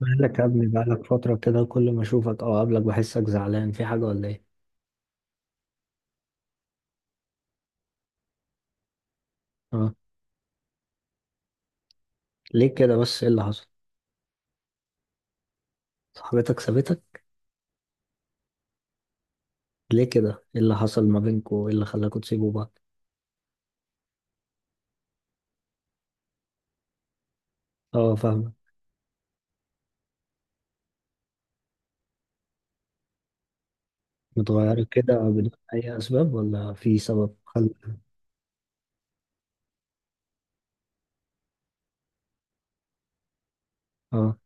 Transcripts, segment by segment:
مالك يا ابني؟ بقالك فترة كده كل ما اشوفك او اقابلك بحسك زعلان، في حاجة ولا ايه؟ اه. ليه كده بس؟ ايه اللي حصل؟ صاحبتك سابتك؟ ليه كده؟ ايه اللي حصل ما بينكوا؟ ايه اللي خلاكوا تسيبوا بعض؟ اه، فاهمك. متغيرة كده بدون اي اسباب، ولا في سبب اه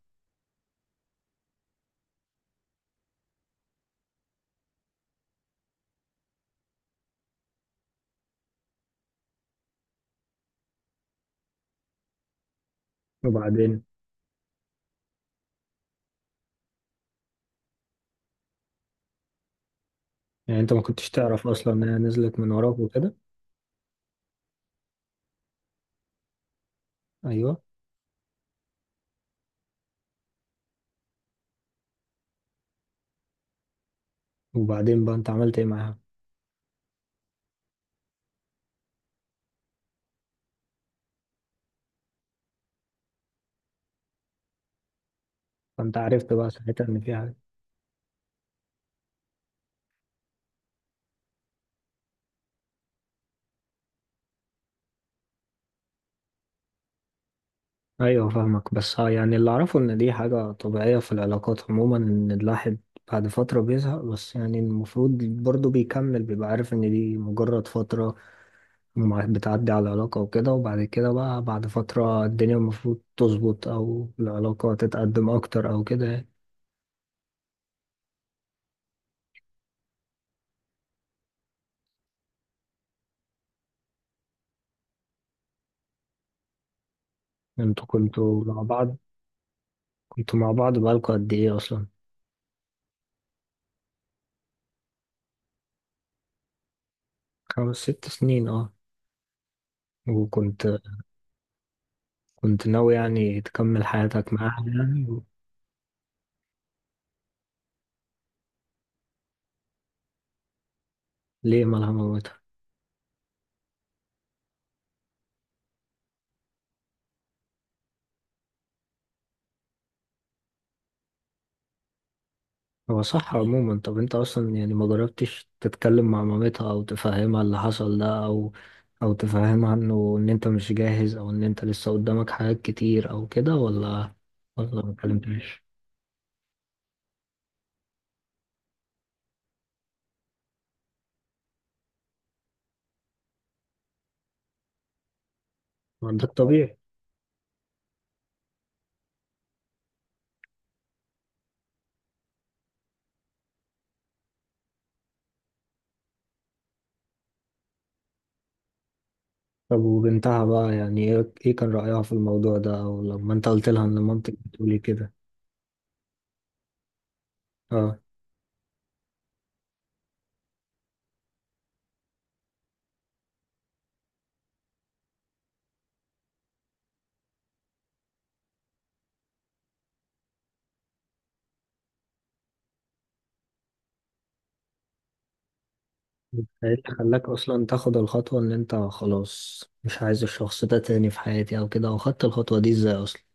وبعدين. يعني انت ما كنتش تعرف اصلا ان هي نزلت من وراك وكده؟ ايوه. وبعدين بقى انت عملت ايه معاها؟ فانت عرفت بقى ساعتها ان في حاجة. ايوه فاهمك. بس ها، يعني اللي اعرفه ان دي حاجة طبيعية في العلاقات عموما، ان الواحد بعد فترة بيزهق، بس يعني المفروض برضه بيكمل، بيبقى عارف ان دي مجرد فترة بتعدي على العلاقة وكده، وبعد كده بقى بعد فترة الدنيا المفروض تظبط او العلاقة تتقدم اكتر او كده يعني. انتوا كنتوا مع بعض، بقالكوا قد ايه اصلا؟ 5 6 سنين اه. وكنت كنت ناوي يعني تكمل حياتك معاها يعني؟ ليه ملهمة؟ هو صح عموما. طب انت اصلا يعني ما جربتش تتكلم مع مامتها او تفهمها اللي حصل ده، او او تفهمها انه ان انت مش جاهز، او ان انت لسه قدامك حاجات كتير او كده، ولا ما اتكلمتش؟ ما ده الطبيعي. طب وبنتها بقى يعني ايه، ايه كان رأيها في الموضوع ده، او لما انت قلت لها ان مامتك بتقولي كده؟ اه. ايه اللي خلاك اصلا تاخد الخطوة ان انت خلاص مش عايز الشخص ده تاني في حياتي، او كده؟ او خدت الخطوة دي ازاي اصلا؟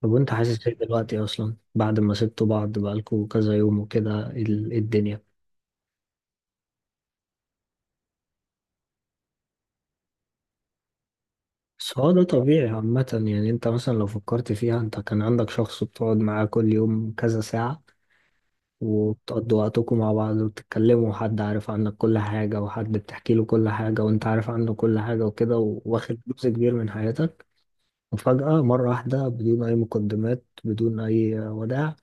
طب وانت حاسس ايه دلوقتي اصلا بعد ما سبتوا بعض بقالكوا كذا يوم وكده؟ الدنيا. بس هو ده طبيعي عامة يعني. انت مثلا لو فكرت فيها، انت كان عندك شخص بتقعد معاه كل يوم كذا ساعة، وبتقضوا وقتكم مع بعض، وبتتكلموا، وحد عارف عنك كل حاجة، وحد بتحكي له كل حاجة، وانت عارف عنه كل حاجة وكده، واخد جزء كبير من حياتك. وفجأة مرة واحدة بدون أي مقدمات، بدون أي وداع،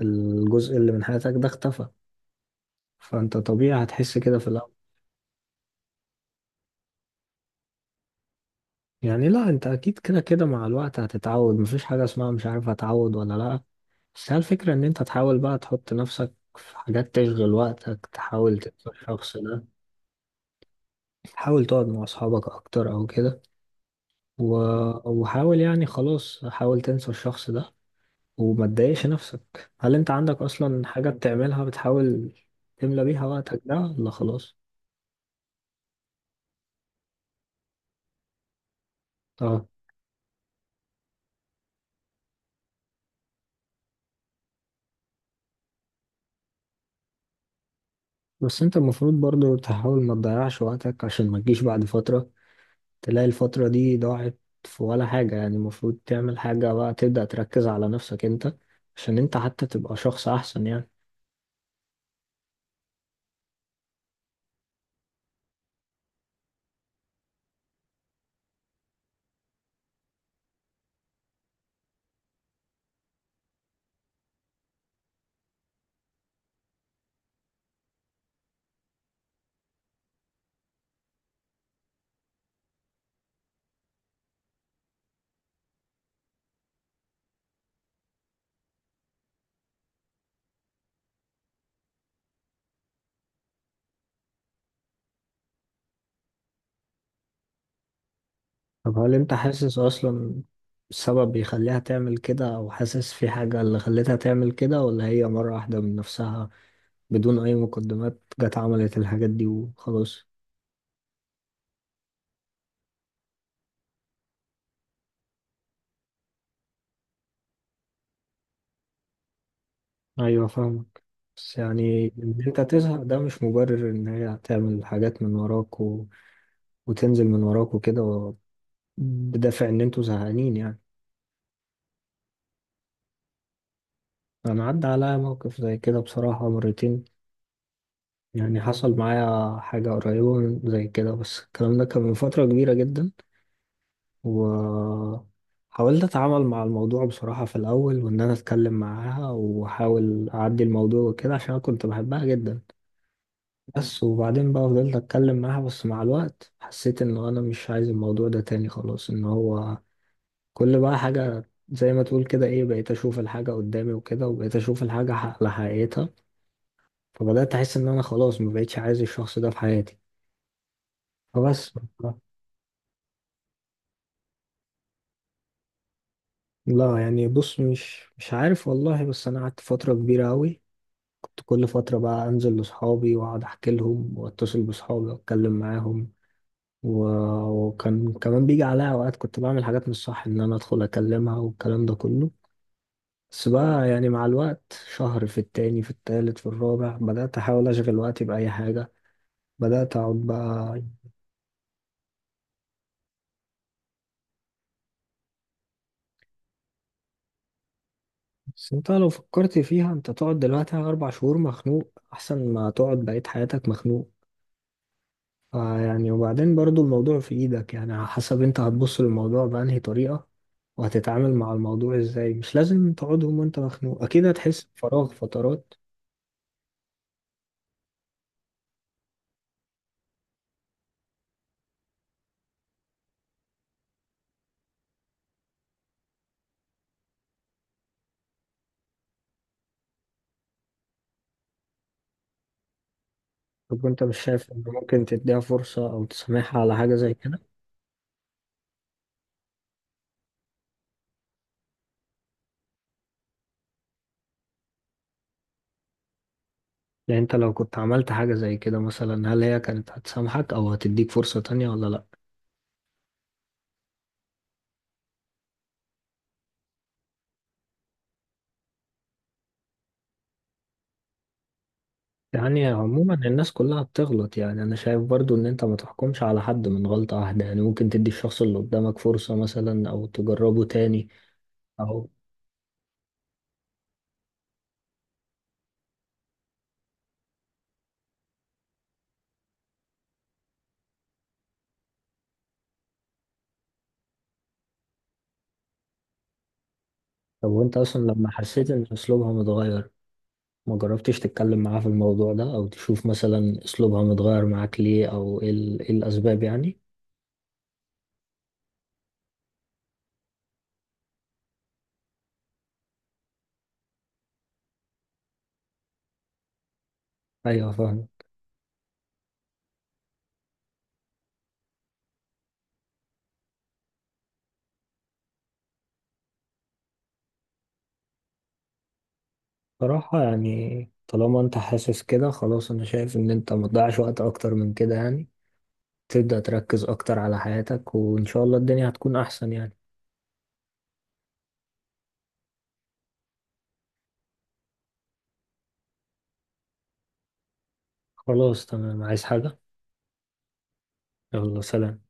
الجزء اللي من حياتك ده اختفى. فانت طبيعي هتحس كده في الأول. يعني لا، انت اكيد كده كده مع الوقت هتتعود. مفيش حاجة اسمها مش عارف هتعود ولا لا. بس هي الفكرة ان انت تحاول بقى تحط نفسك في حاجات تشغل وقتك، تحاول تنسى الشخص ده. حاول تقعد مع اصحابك اكتر او كده، و... وحاول يعني خلاص حاول تنسى الشخص ده، وما تضايقش نفسك. هل انت عندك اصلا حاجة بتعملها، بتحاول تملى بيها وقتك ده، ولا خلاص؟ اه. بس انت المفروض برضو تحاول ما تضيعش وقتك، عشان ما تجيش بعد فترة تلاقي الفترة دي ضاعت في ولا حاجة يعني. المفروض تعمل حاجة بقى، تبدأ تركز على نفسك انت، عشان انت حتى تبقى شخص أحسن يعني. طب هل انت حاسس أصلا السبب بيخليها تعمل كده، أو حاسس في حاجة اللي خلتها تعمل كده، ولا هي مرة واحدة من نفسها بدون أي مقدمات جت عملت الحاجات دي وخلاص؟ أيوة فاهمك. بس يعني إن أنت تزهق ده مش مبرر إن هي تعمل حاجات من وراك، وتنزل من وراك وكده، بدافع إن أنتوا زهقانين يعني. أنا عدى عليا موقف زي كده بصراحة مرتين. يعني حصل معايا حاجة قريبة من زي كده، بس الكلام ده كان من فترة كبيرة جدا. وحاولت أتعامل مع الموضوع بصراحة في الأول، وإن أنا أتكلم معاها وأحاول أعدي الموضوع وكده، عشان أنا كنت بحبها جدا. بس وبعدين بقى فضلت أتكلم معاها، بس مع الوقت حسيت إن أنا مش عايز الموضوع ده تاني خلاص، إن هو كل بقى حاجة زي ما تقول كده إيه، بقيت أشوف الحاجة قدامي وكده، وبقيت أشوف الحاجة على حقيقتها. فبدأت أحس إن أنا خلاص ما بقتش عايز الشخص ده في حياتي فبس. لا يعني، بص، مش عارف والله. بس أنا قعدت فترة كبيرة أوي، كنت كل فترة بقى أنزل لأصحابي وأقعد أحكي لهم، وأتصل بأصحابي وأتكلم معاهم و... وكان كمان بيجي عليا أوقات كنت بعمل حاجات مش صح، إن أنا أدخل أكلمها والكلام ده كله. بس بقى يعني مع الوقت، شهر في التاني في التالت في الرابع، بدأت أحاول أشغل وقتي بأي حاجة، بدأت أقعد بقى. بس انت لو فكرت فيها، انت تقعد دلوقتي على 4 شهور مخنوق، احسن ما تقعد بقية حياتك مخنوق. آه يعني. وبعدين برضو الموضوع في ايدك يعني، على حسب انت هتبص للموضوع بأنهي طريقة وهتتعامل مع الموضوع ازاي. مش لازم تقعدهم وانت مخنوق، اكيد هتحس بفراغ فترات. طب انت مش شايف ان ممكن تديها فرصة او تسامحها على حاجة زي كده؟ يعني انت لو كنت عملت حاجة زي كده مثلا، هل هي كانت هتسامحك او هتديك فرصة تانية ولا لا؟ يعني عموما الناس كلها بتغلط يعني. انا شايف برضو ان انت ما تحكمش على حد من غلطة واحدة يعني، ممكن تدي الشخص اللي قدامك فرصة مثلا او تجربه تاني، او طب وانت اصلا لما حسيت ان اسلوبها متغير، ما جربتش تتكلم معاه في الموضوع ده، او تشوف مثلا اسلوبها متغير معاك ليه، او ايه إيه الاسباب يعني؟ ايوه فاهم. صراحة يعني طالما انت حاسس كده خلاص، انا شايف ان انت ما تضيعش وقت اكتر من كده يعني، تبدأ تركز اكتر على حياتك، وان شاء الله الدنيا هتكون احسن يعني. خلاص تمام، عايز حاجة؟ يلا سلام.